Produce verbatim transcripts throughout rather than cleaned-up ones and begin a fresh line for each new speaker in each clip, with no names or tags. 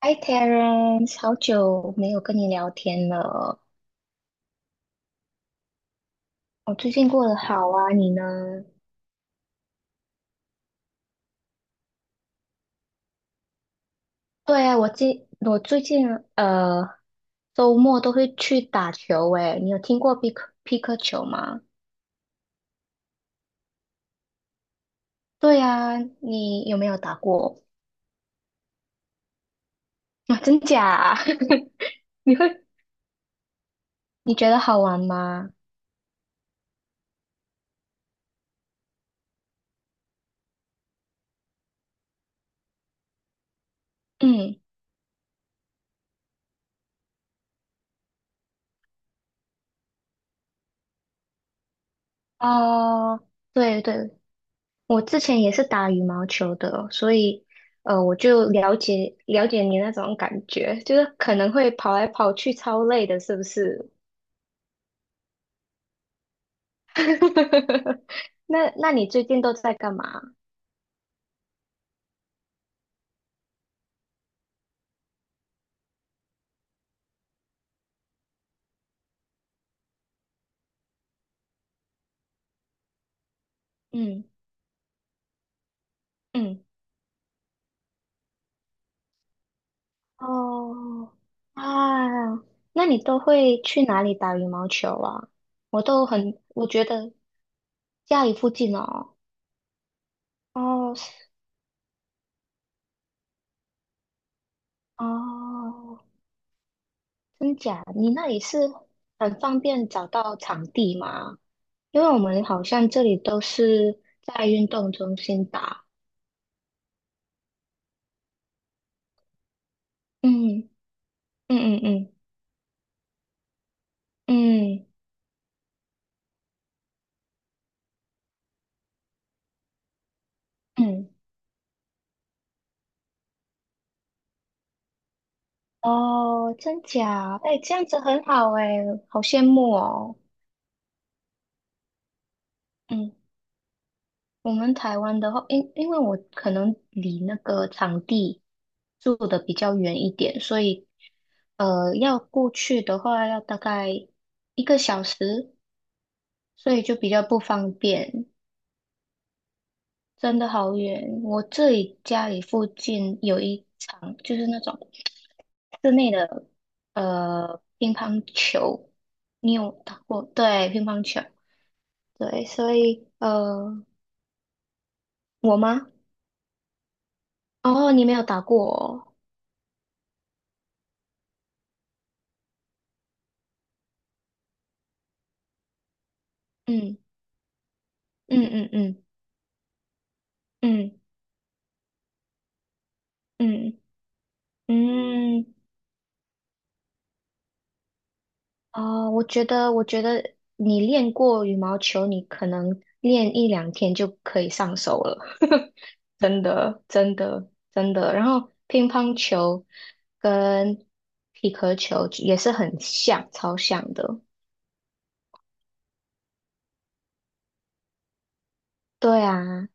嗨，Terence，好久没有跟你聊天了。我最近过得好啊，你呢？对啊，我最我最近呃周末都会去打球诶，你有听过匹克匹克球吗？对啊，你有没有打过？啊，真假啊？你会你觉得好玩吗？嗯，哦、对对我之前也是打羽毛球的，所以呃，我就了解了解你那种感觉，就是可能会跑来跑去，超累的，是不是？那那你最近都在干嘛？嗯嗯，哦啊，那你都会去哪里打羽毛球啊？我都很，我觉得家里附近哦，哦是哦，真假？你那里是很方便找到场地吗？因为我们好像这里都是在运动中心打，嗯嗯嗯嗯嗯嗯，哦，真假？哎，这样子很好哎，好羡慕哦。嗯，我们台湾的话，因因为我可能离那个场地住的比较远一点，所以呃，要过去的话要大概一个小时，所以就比较不方便。真的好远。我这里家里附近有一场，就是那种室内的呃乒乓球，你有打过？对，乒乓球，对，所以呃，我吗？哦，你没有打过哦嗯嗯嗯嗯嗯嗯嗯，哦，我觉得，我觉得你练过羽毛球，你可能练一两天就可以上手了，真的，真的，真的。然后乒乓球跟皮克球也是很像，超像的。对啊，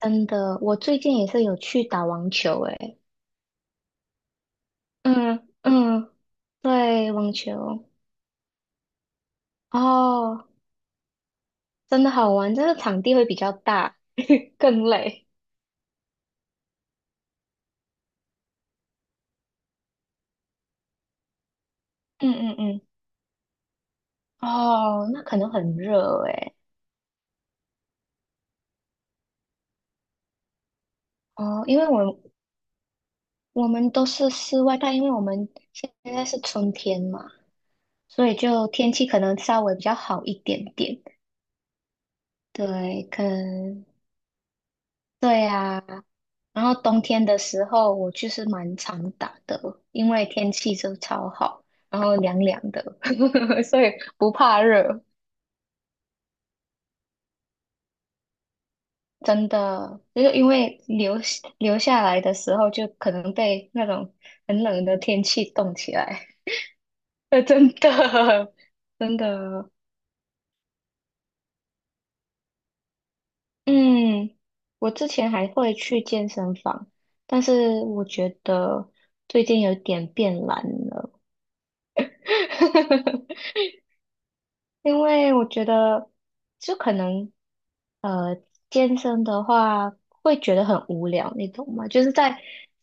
真的，我最近也是有去打网球，诶，嗯嗯，对，网球，哦，真的好玩，这个场地会比较大，更累。嗯嗯嗯。哦，那可能很热诶。哦，因为我我们都是室外，但因为我们现在是春天嘛，所以就天气可能稍微比较好一点点。对，可能对啊。然后冬天的时候，我就是蛮常打的，因为天气就超好，然后凉凉的，所以不怕热。真的，就是因为留留下来的时候，就可能被那种很冷的天气冻起来。呃，真的，真的，嗯，我之前还会去健身房，但是我觉得最近有点变懒了，因为我觉得就可能，呃，健身的话会觉得很无聊，你懂吗？就是在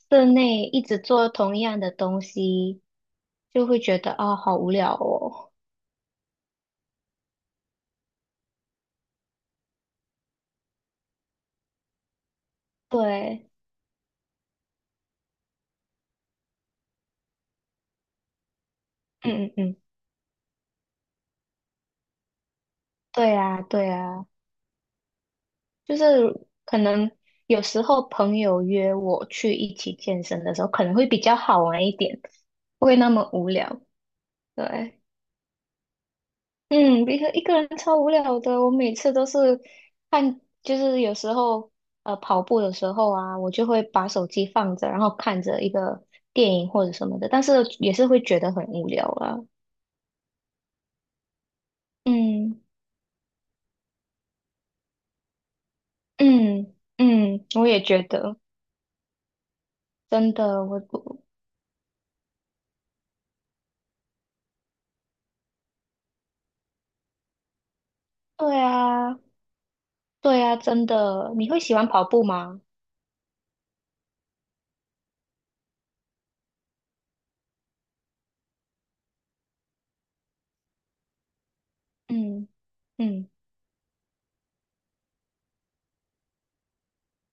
室内一直做同样的东西，就会觉得啊，好无聊哦。对，嗯嗯嗯，对啊，对啊。就是可能有时候朋友约我去一起健身的时候，可能会比较好玩一点，不会那么无聊。对，嗯，一个一个人超无聊的，我每次都是看，就是有时候呃跑步的时候啊，我就会把手机放着，然后看着一个电影或者什么的，但是也是会觉得很无聊啊。嗯嗯嗯，我也觉得，真的，我对啊，对啊，真的，你会喜欢跑步吗？嗯嗯，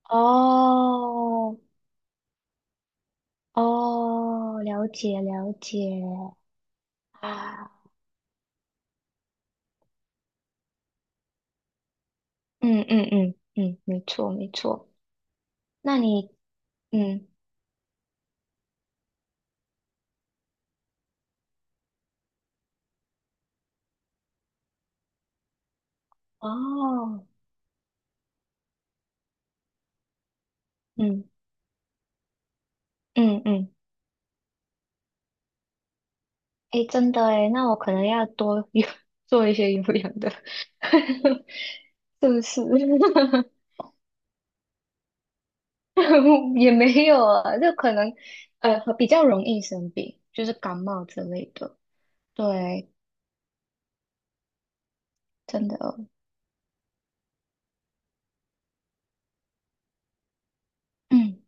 哦哦，了解了解啊，嗯嗯嗯嗯，没错没错。那你嗯哦嗯嗯嗯，诶，真的诶，那我可能要多有 做一些有氧的，是不是？也没有啊，就可能呃比较容易生病，就是感冒之类的。对，真的哦，嗯，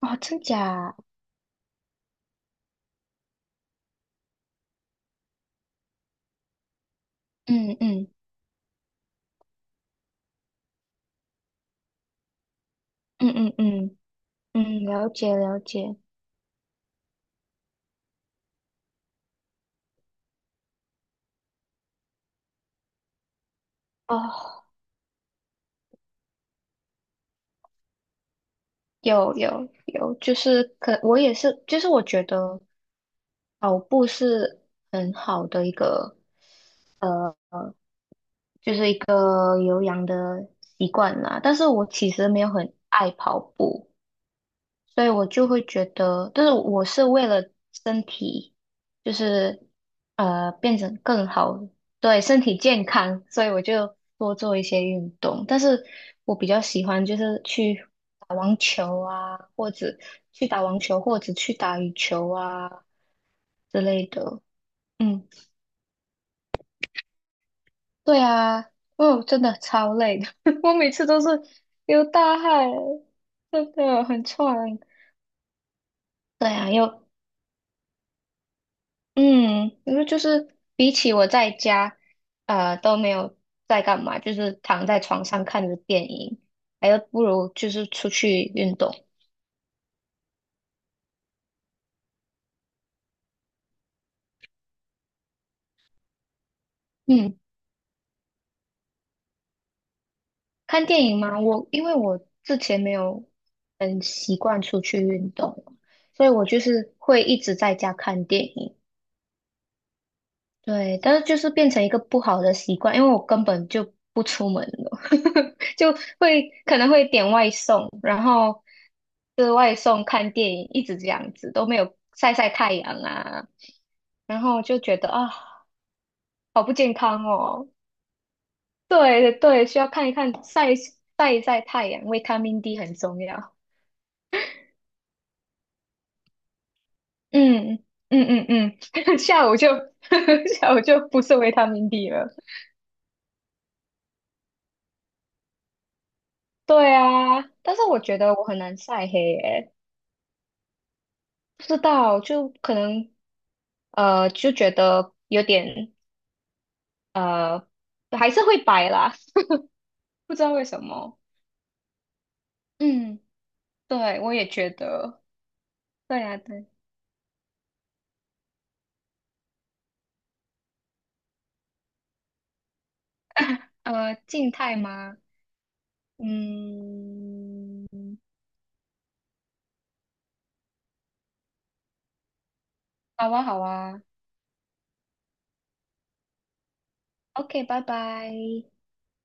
哦，真假？嗯嗯嗯嗯嗯嗯，了解了解。哦，有有有，就是可我也是，就是我觉得跑步是很好的一个，呃，就是一个有氧的习惯啦。但是我其实没有很爱跑步。所以我就会觉得，但是我是为了身体，就是呃变成更好，对身体健康，所以我就多做一些运动。但是我比较喜欢就是去打网球啊，或者去打网球，或者去打羽球啊之类的。嗯，对啊，哦，真的超累的，我每次都是流大汗，真的很喘。对啊，又。嗯，因为就是比起我在家，呃，都没有在干嘛，就是躺在床上看着电影，还有不如就是出去运动。嗯，看电影嘛，我因为我之前没有很习惯出去运动，所以我就是会一直在家看电影。对，但是就是变成一个不好的习惯，因为我根本就不出门了，就会可能会点外送，然后吃外送、看电影，一直这样子，都没有晒晒太阳啊，然后就觉得啊，好不健康哦。对对对，需要看一看晒晒一晒太阳，维他命 D 很重要。嗯嗯嗯嗯，下午就 下午就不是维他命 D 了。对啊，但是我觉得我很难晒黑诶、不知道，就可能呃就觉得有点呃还是会白啦，不知道为什么。嗯，对，我也觉得，对呀、对，呃，静态吗？嗯，好啊，好啊，OK，拜拜。